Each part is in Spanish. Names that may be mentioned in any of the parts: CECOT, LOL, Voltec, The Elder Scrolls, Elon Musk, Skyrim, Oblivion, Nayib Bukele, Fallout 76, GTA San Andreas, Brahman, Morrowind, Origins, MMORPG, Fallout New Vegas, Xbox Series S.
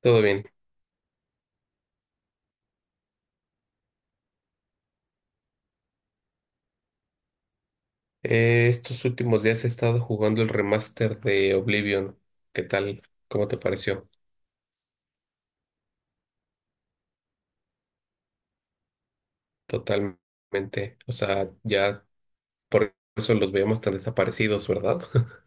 Todo bien. Estos últimos días he estado jugando el remaster de Oblivion. ¿Qué tal? ¿Cómo te pareció? Totalmente. O sea, ya por eso los veíamos tan desaparecidos, ¿verdad?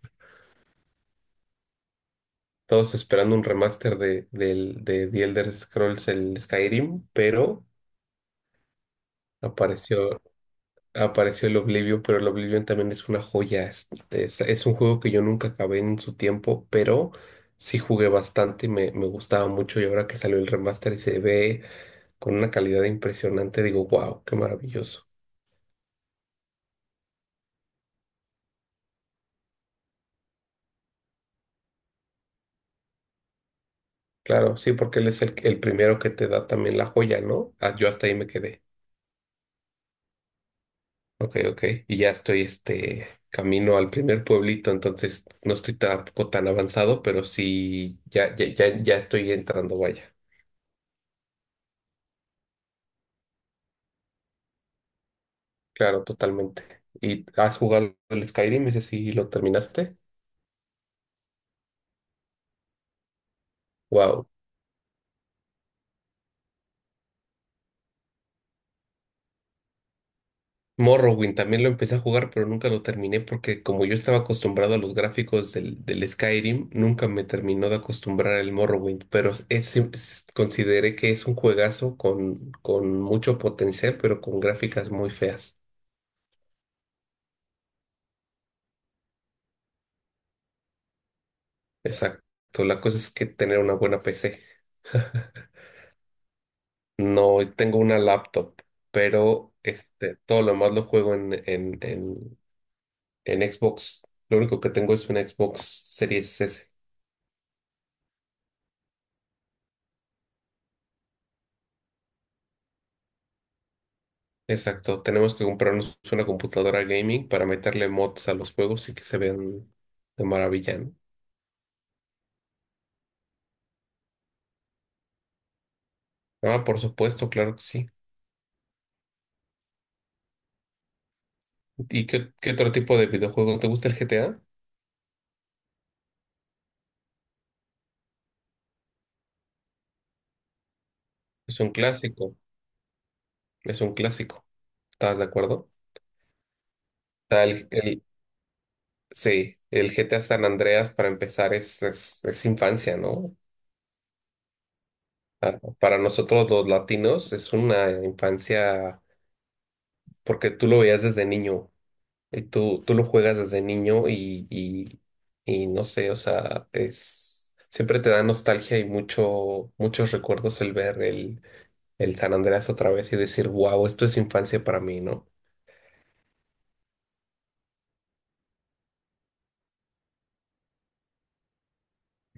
Todos esperando un remaster del de The Elder Scrolls, el Skyrim, pero apareció, apareció el Oblivion, pero el Oblivion también es una joya. Es un juego que yo nunca acabé en su tiempo, pero sí jugué bastante y me gustaba mucho. Y ahora que salió el remaster y se ve con una calidad impresionante, digo, wow, qué maravilloso. Claro, sí, porque él es el primero que te da también la joya, ¿no? Ah, yo hasta ahí me quedé. Ok, ok. Y ya estoy, este, camino al primer pueblito, entonces no estoy tampoco tan avanzado, pero sí, ya estoy entrando, vaya. Claro, totalmente. ¿Y has jugado el Skyrim? Ese sí lo terminaste. Wow. Morrowind también lo empecé a jugar, pero nunca lo terminé porque como yo estaba acostumbrado a los gráficos del Skyrim, nunca me terminó de acostumbrar el Morrowind, pero consideré que es un juegazo con mucho potencial, pero con gráficas muy feas. Exacto. La cosa es que tener una buena PC. No tengo una laptop, pero este, todo lo más lo juego en Xbox. Lo único que tengo es una Xbox Series S. Exacto, tenemos que comprarnos una computadora gaming para meterle mods a los juegos y que se vean de maravilla, ¿no? Ah, por supuesto, claro que sí. ¿Y qué otro tipo de videojuego te gusta el GTA? Es un clásico, es un clásico. ¿Estás de acuerdo? Está el, el- sí, el GTA San Andreas para empezar es infancia, ¿no? Ah, para nosotros los latinos es una infancia porque tú lo veías desde niño. Tú lo juegas desde y no sé, o sea, es, siempre te da nostalgia y muchos recuerdos el ver el San Andreas otra vez y decir, wow, esto es infancia para mí, ¿no?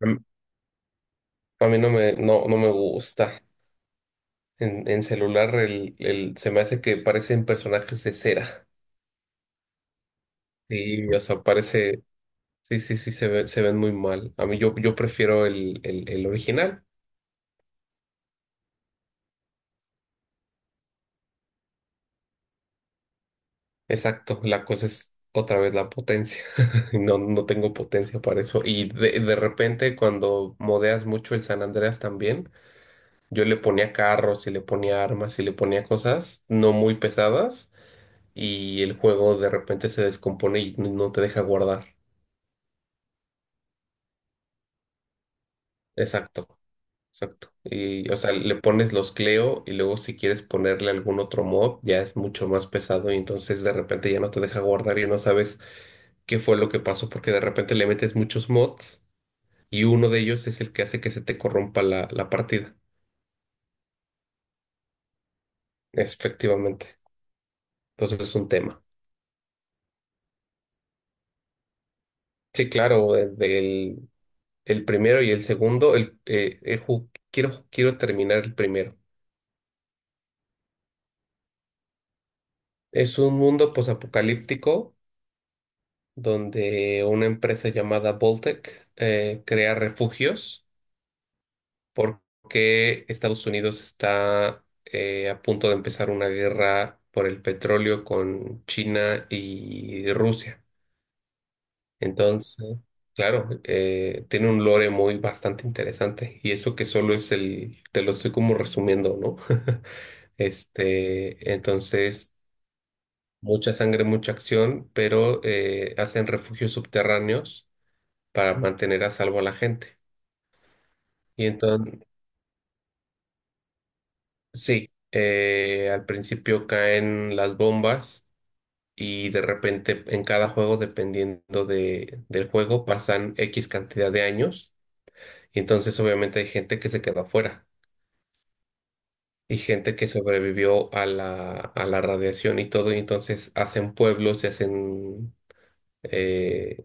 A mí a mí no me gusta. En celular se me hace que parecen personajes de cera. Sí, o sea, parece, sí, se ven muy mal. Yo prefiero el original. Exacto, la cosa es otra vez la potencia. No tengo potencia para eso. Y de repente cuando modeas mucho el San Andreas también, yo le ponía carros y le ponía armas y le ponía cosas no muy pesadas y el juego de repente se descompone y no te deja guardar. Exacto, exacto. Y o sea, le pones los Cleo y luego si quieres ponerle algún otro mod ya es mucho más pesado y entonces de repente ya no te deja guardar y no sabes qué fue lo que pasó porque de repente le metes muchos mods y uno de ellos es el que hace que se te corrompa la partida, efectivamente. Entonces es un tema. Sí, claro, el primero y el segundo, quiero, quiero terminar el primero. Es un mundo posapocalíptico donde una empresa llamada Voltec crea refugios porque Estados Unidos está a punto de empezar una guerra por el petróleo con China y Rusia. Entonces, claro, tiene un lore muy bastante interesante y eso que solo es el, te lo estoy como resumiendo, ¿no? Este, entonces, mucha sangre, mucha acción, pero hacen refugios subterráneos para mantener a salvo a la gente. Y entonces, sí, al principio caen las bombas y de repente en cada juego, dependiendo del juego, pasan X cantidad de años y entonces obviamente hay gente que se queda afuera. Y gente que sobrevivió a a la radiación y todo, y entonces hacen pueblos y hacen, eh,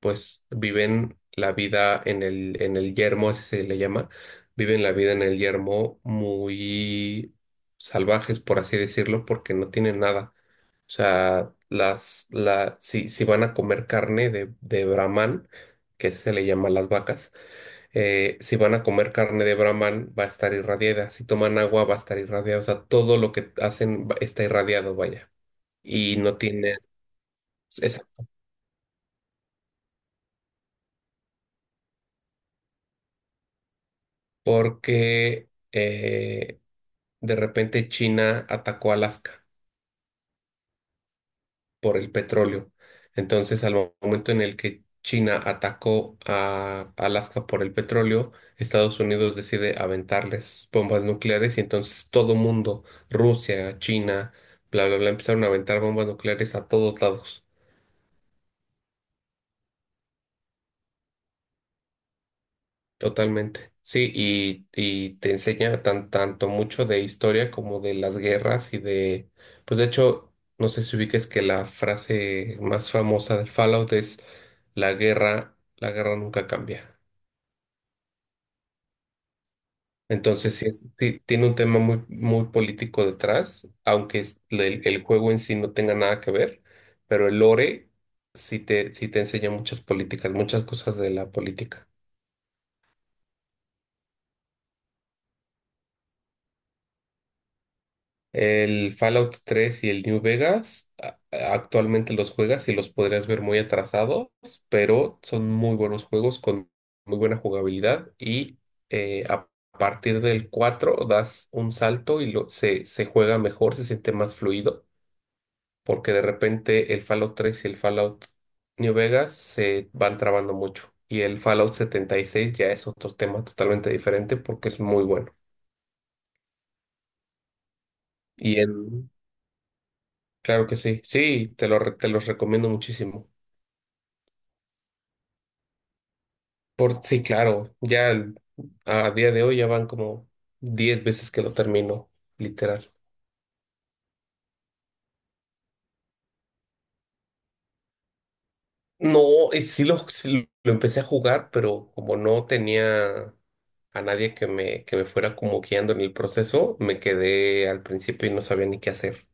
pues viven la vida en en el yermo, así se le llama, viven la vida en el yermo muy salvajes, por así decirlo, porque no tienen nada. O sea, las, la, si, si van a comer carne de Brahman, que se le llama las vacas, si van a comer carne de Brahman, va a estar irradiada. Si toman agua, va a estar irradiada. O sea, todo lo que hacen está irradiado, vaya. Y no tiene. Exacto. Porque de repente China atacó Alaska por el petróleo. Entonces, al momento en el que China atacó a Alaska por el petróleo, Estados Unidos decide aventarles bombas nucleares y entonces todo mundo, Rusia, China, bla, bla, bla, empezaron a aventar bombas nucleares a todos lados, totalmente. Sí, y te enseña tanto mucho de historia como de las guerras y de, pues de hecho, no sé si ubiques que la frase más famosa del Fallout es, la guerra nunca cambia. Entonces, sí, sí tiene un tema muy político detrás, aunque el juego en sí no tenga nada que ver, pero el lore sí te enseña muchas políticas, muchas cosas de la política. El Fallout 3 y el New Vegas actualmente los juegas y los podrías ver muy atrasados, pero son muy buenos juegos con muy buena jugabilidad y A partir del 4 das un salto y se juega mejor, se siente más fluido porque de repente el Fallout 3 y el Fallout New Vegas se van trabando mucho. Y el Fallout 76 ya es otro tema totalmente diferente porque es muy bueno. Y el, claro que sí, sí, te los recomiendo muchísimo. Sí, claro, a día de hoy ya van como 10 veces que lo termino, literal. No, sí sí lo empecé a jugar, pero como no tenía a nadie que me fuera como guiando en el proceso, me quedé al principio y no sabía ni qué hacer.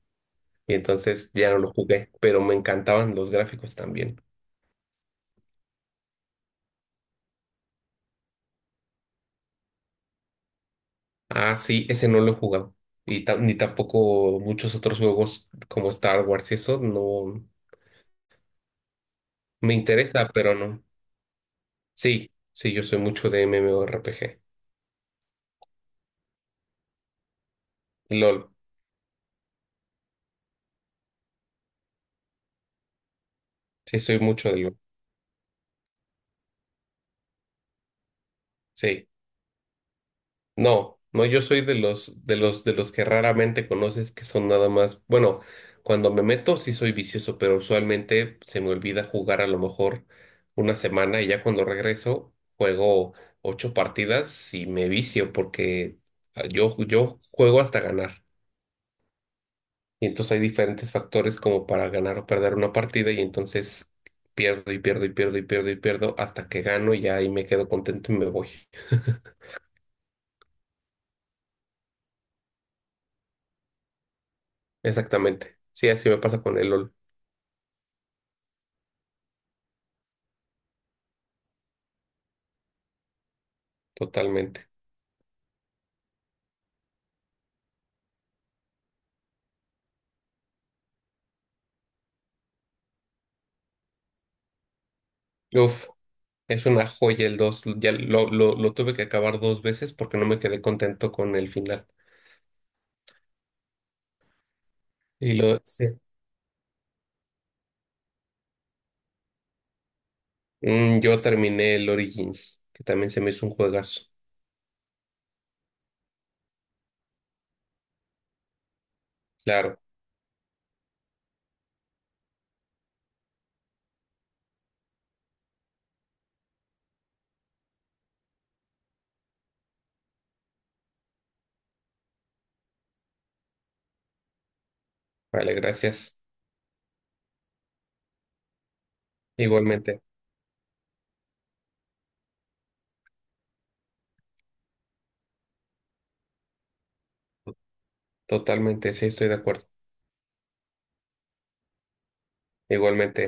Y entonces ya no lo jugué, pero me encantaban los gráficos también. Ah, sí, ese no lo he jugado. Y ni tampoco muchos otros juegos como Star Wars y eso no me interesa, pero no. Sí, sí, yo soy mucho de MMORPG. LOL, sí, soy mucho de LOL. Sí. No, no, yo soy de los que raramente conoces que son nada más, bueno, cuando me meto sí soy vicioso, pero usualmente se me olvida jugar a lo mejor una semana y ya cuando regreso juego 8 partidas y me vicio porque ah, yo juego hasta ganar. Y entonces hay diferentes factores como para ganar o perder una partida y entonces pierdo hasta que gano y ya ahí me quedo contento y me voy. Exactamente. Sí, así me pasa con el LOL, totalmente. Uf, es una joya el dos. Ya lo tuve que acabar dos veces porque no me quedé contento con el final. Sí. Mm, yo terminé el Origins, que también se me hizo un juegazo. Claro, vale, gracias. Igualmente, totalmente, sí, estoy de acuerdo. Igualmente.